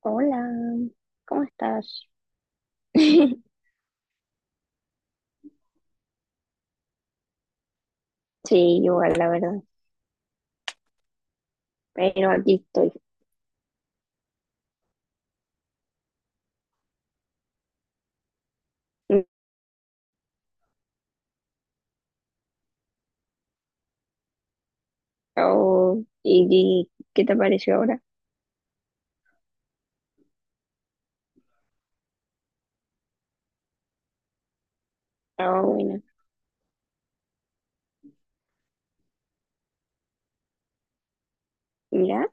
Hola, ¿cómo estás? Sí, igual, la verdad. Pero aquí estoy. Oh, ¿y qué te pareció ahora? Ah, bueno. Mira,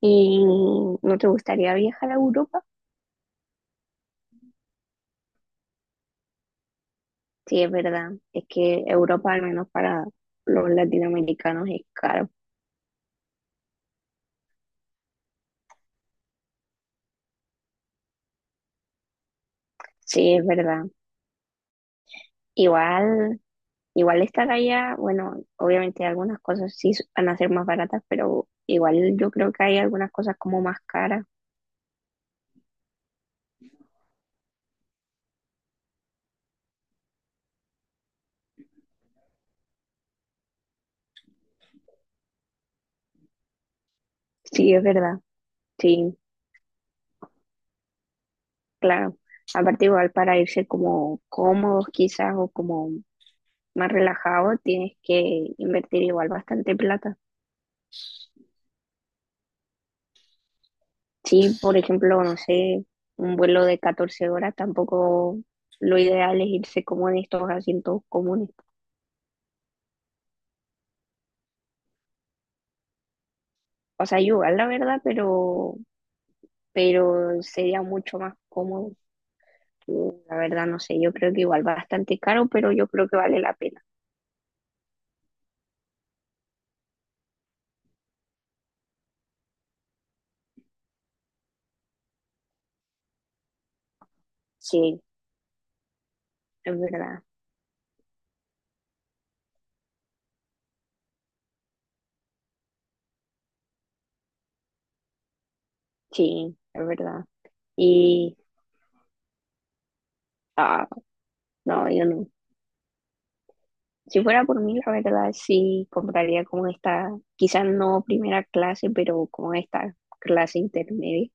¿y no te gustaría viajar a Europa? Sí, es verdad. Es que Europa, al menos para los latinoamericanos, es caro. Sí, es verdad. Igual, igual estar allá, bueno, obviamente algunas cosas sí van a ser más baratas, pero igual yo creo que hay algunas cosas como más caras. Sí, es verdad. Sí. Claro, aparte igual para irse como cómodos quizás o como más relajados tienes que invertir igual bastante plata. Sí, por ejemplo, no sé, un vuelo de 14 horas tampoco lo ideal es irse como en estos asientos comunes. O sea, igual la verdad, pero sería mucho más cómodo. Yo, la verdad, no sé, yo creo que igual bastante caro, pero yo creo que vale la pena. Sí, es verdad, sí, es verdad. Y, ah, no, yo no. Si fuera por mí, la verdad sí compraría como esta, quizás no primera clase, pero como esta clase intermedia,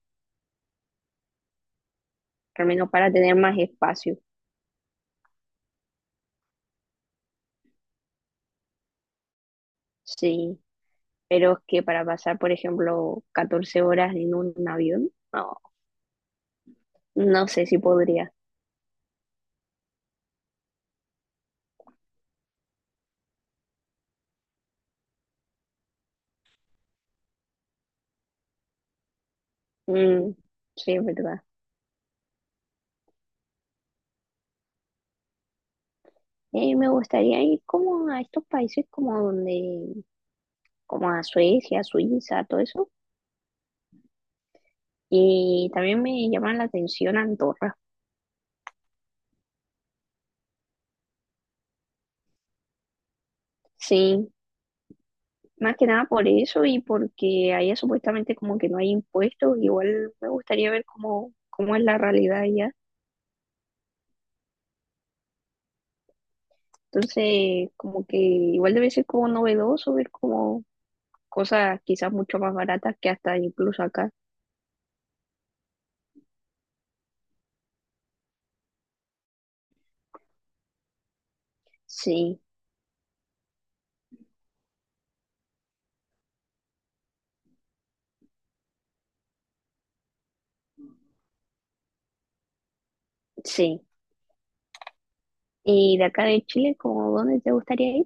al menos para tener más espacio, sí. Pero es que para pasar, por ejemplo, 14 horas en un avión, no, no sé si podría. Mm, sí, es verdad. Me gustaría ir como a estos países como donde, como a Suecia, Suiza, todo eso. Y también me llama la atención Andorra. Sí, más que nada por eso y porque allá supuestamente como que no hay impuestos, igual me gustaría ver cómo es la realidad allá. Entonces, como que igual debe ser como novedoso ver como cosas quizás mucho más baratas que hasta incluso acá. Sí, sí. Y de acá de Chile, ¿como dónde te gustaría ir?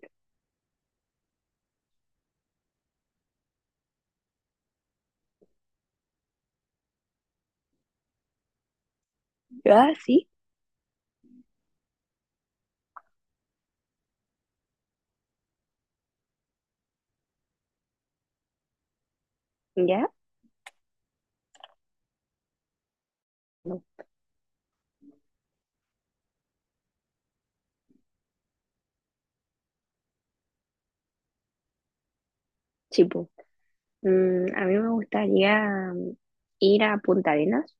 Ah, sí, ya. No, sí, pues. A mí me gustaría ir a Punta Arenas.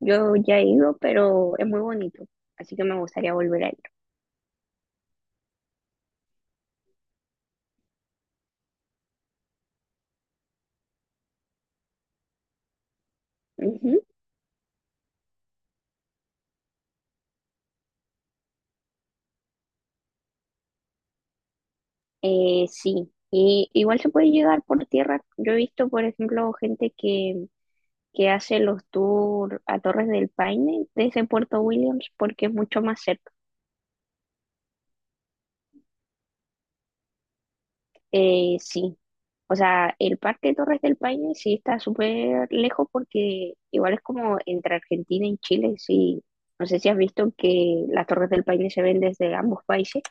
Yo ya he ido, pero es muy bonito, así que me gustaría volver a ir. Ujú. Sí, y igual se puede llegar por tierra. Yo he visto, por ejemplo, gente que hace los tours a Torres del Paine desde Puerto Williams porque es mucho más cerca. Sí, o sea, el parque de Torres del Paine sí está súper lejos porque igual es como entre Argentina y Chile. Sí, no sé si has visto que las Torres del Paine se ven desde ambos países.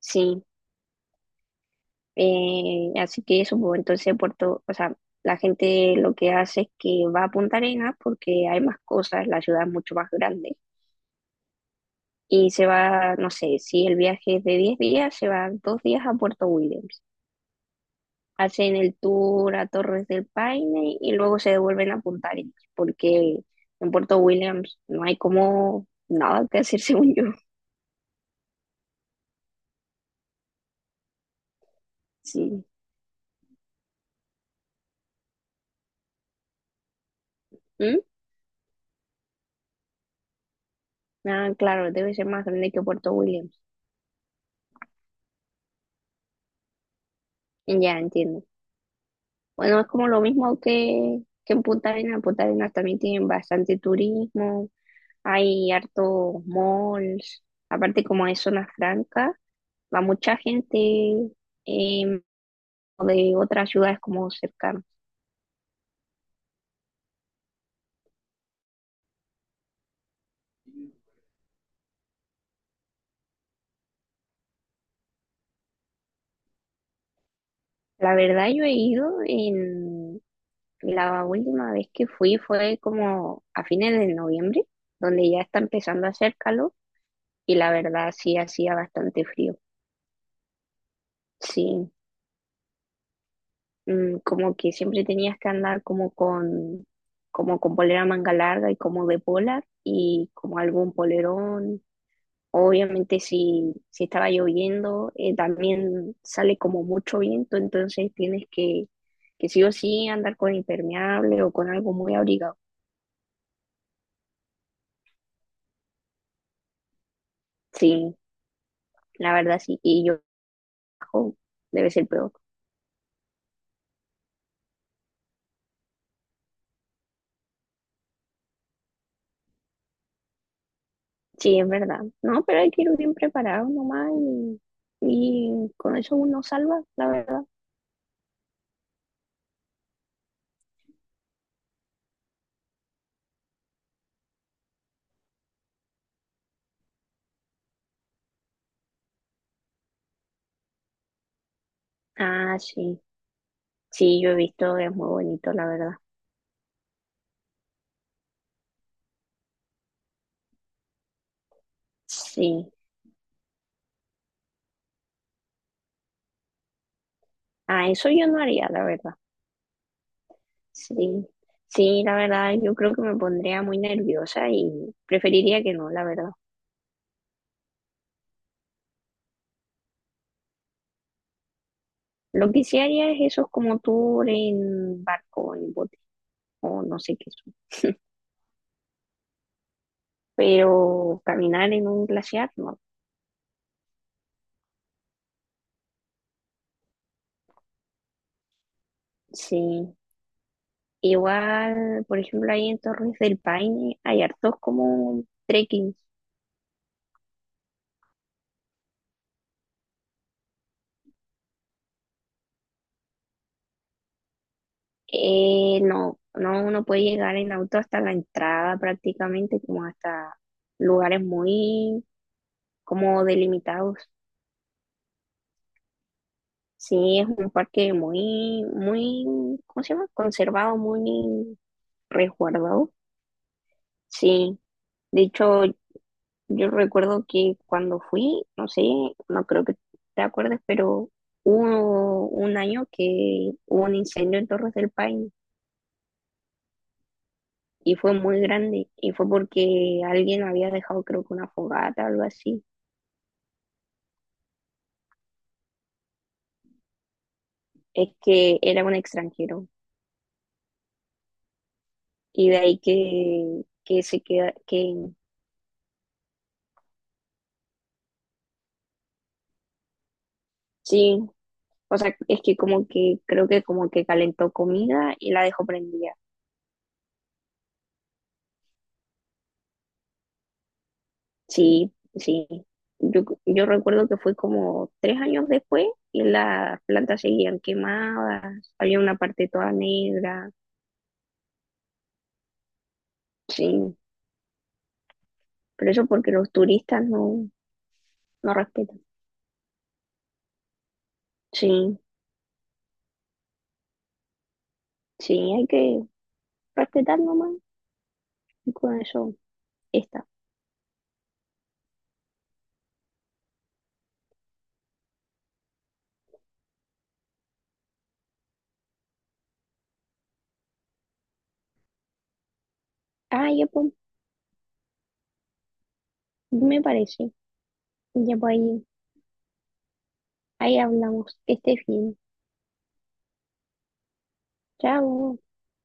Sí. Así que eso, pues entonces Puerto, o sea, la gente lo que hace es que va a Punta Arenas porque hay más cosas, la ciudad es mucho más grande. Y se va, no sé, si el viaje es de 10 días, se va 2 días a Puerto Williams. Hacen el tour a Torres del Paine y luego se devuelven a Punta Arenas, porque en Puerto Williams no hay como nada que hacer, según yo. Sí. ¿Mm? Ah, claro, debe ser más grande que Puerto Williams. Ya entiendo. Bueno, es como lo mismo que en Punta Arenas. En Punta Arenas también tienen bastante turismo, hay hartos malls. Aparte, como es zona franca, va mucha gente em, de otras ciudades como cercanas. La verdad, yo he ido en la última vez que fui fue como a fines de noviembre, donde ya está empezando a hacer calor y la verdad sí hacía bastante frío. Sí. Como que siempre tenías que andar como con polera manga larga y como de polar y como algún polerón. Obviamente si, estaba lloviendo, también sale como mucho viento, entonces tienes que sí o sí andar con impermeable o con algo muy abrigado. Sí, la verdad sí, y yo bajo, debe ser peor. Sí, es verdad. No, pero hay que ir bien preparado nomás y con eso uno salva, la verdad. Ah, sí. Sí, yo he visto, es muy bonito, la verdad. Sí, ah, eso yo no haría, la verdad. Sí, sí, la verdad, yo creo que me pondría muy nerviosa y preferiría que no, la verdad. Lo que sí haría es esos como tour en barco, en bote, o no sé qué son. Pero caminar en un glaciar, no. Sí, igual, por ejemplo, ahí en Torres del Paine hay hartos como trekking. No, no, uno puede llegar en auto hasta la entrada prácticamente, como hasta lugares muy como delimitados. Sí, es un parque muy, muy, ¿cómo se llama? Conservado, muy resguardado. Sí, de hecho, yo recuerdo que cuando fui, no sé, no creo que te acuerdes, pero hubo un año que hubo un incendio en Torres del Paine y fue muy grande y fue porque alguien había dejado creo que una fogata o algo así. Es que era un extranjero y de ahí que, se queda, que sí, o sea, es que como que creo que como que calentó comida y la dejó prendida. Sí, sí. Yo recuerdo que fue como 3 años después y las plantas seguían quemadas, había una parte toda negra, sí, pero eso porque los turistas no, no respetan. Sí, sí, hay que respetar nomás y con eso está. Ah, ya pues, me parece. Ya pues ahí hablamos. Que estés bien. Chao.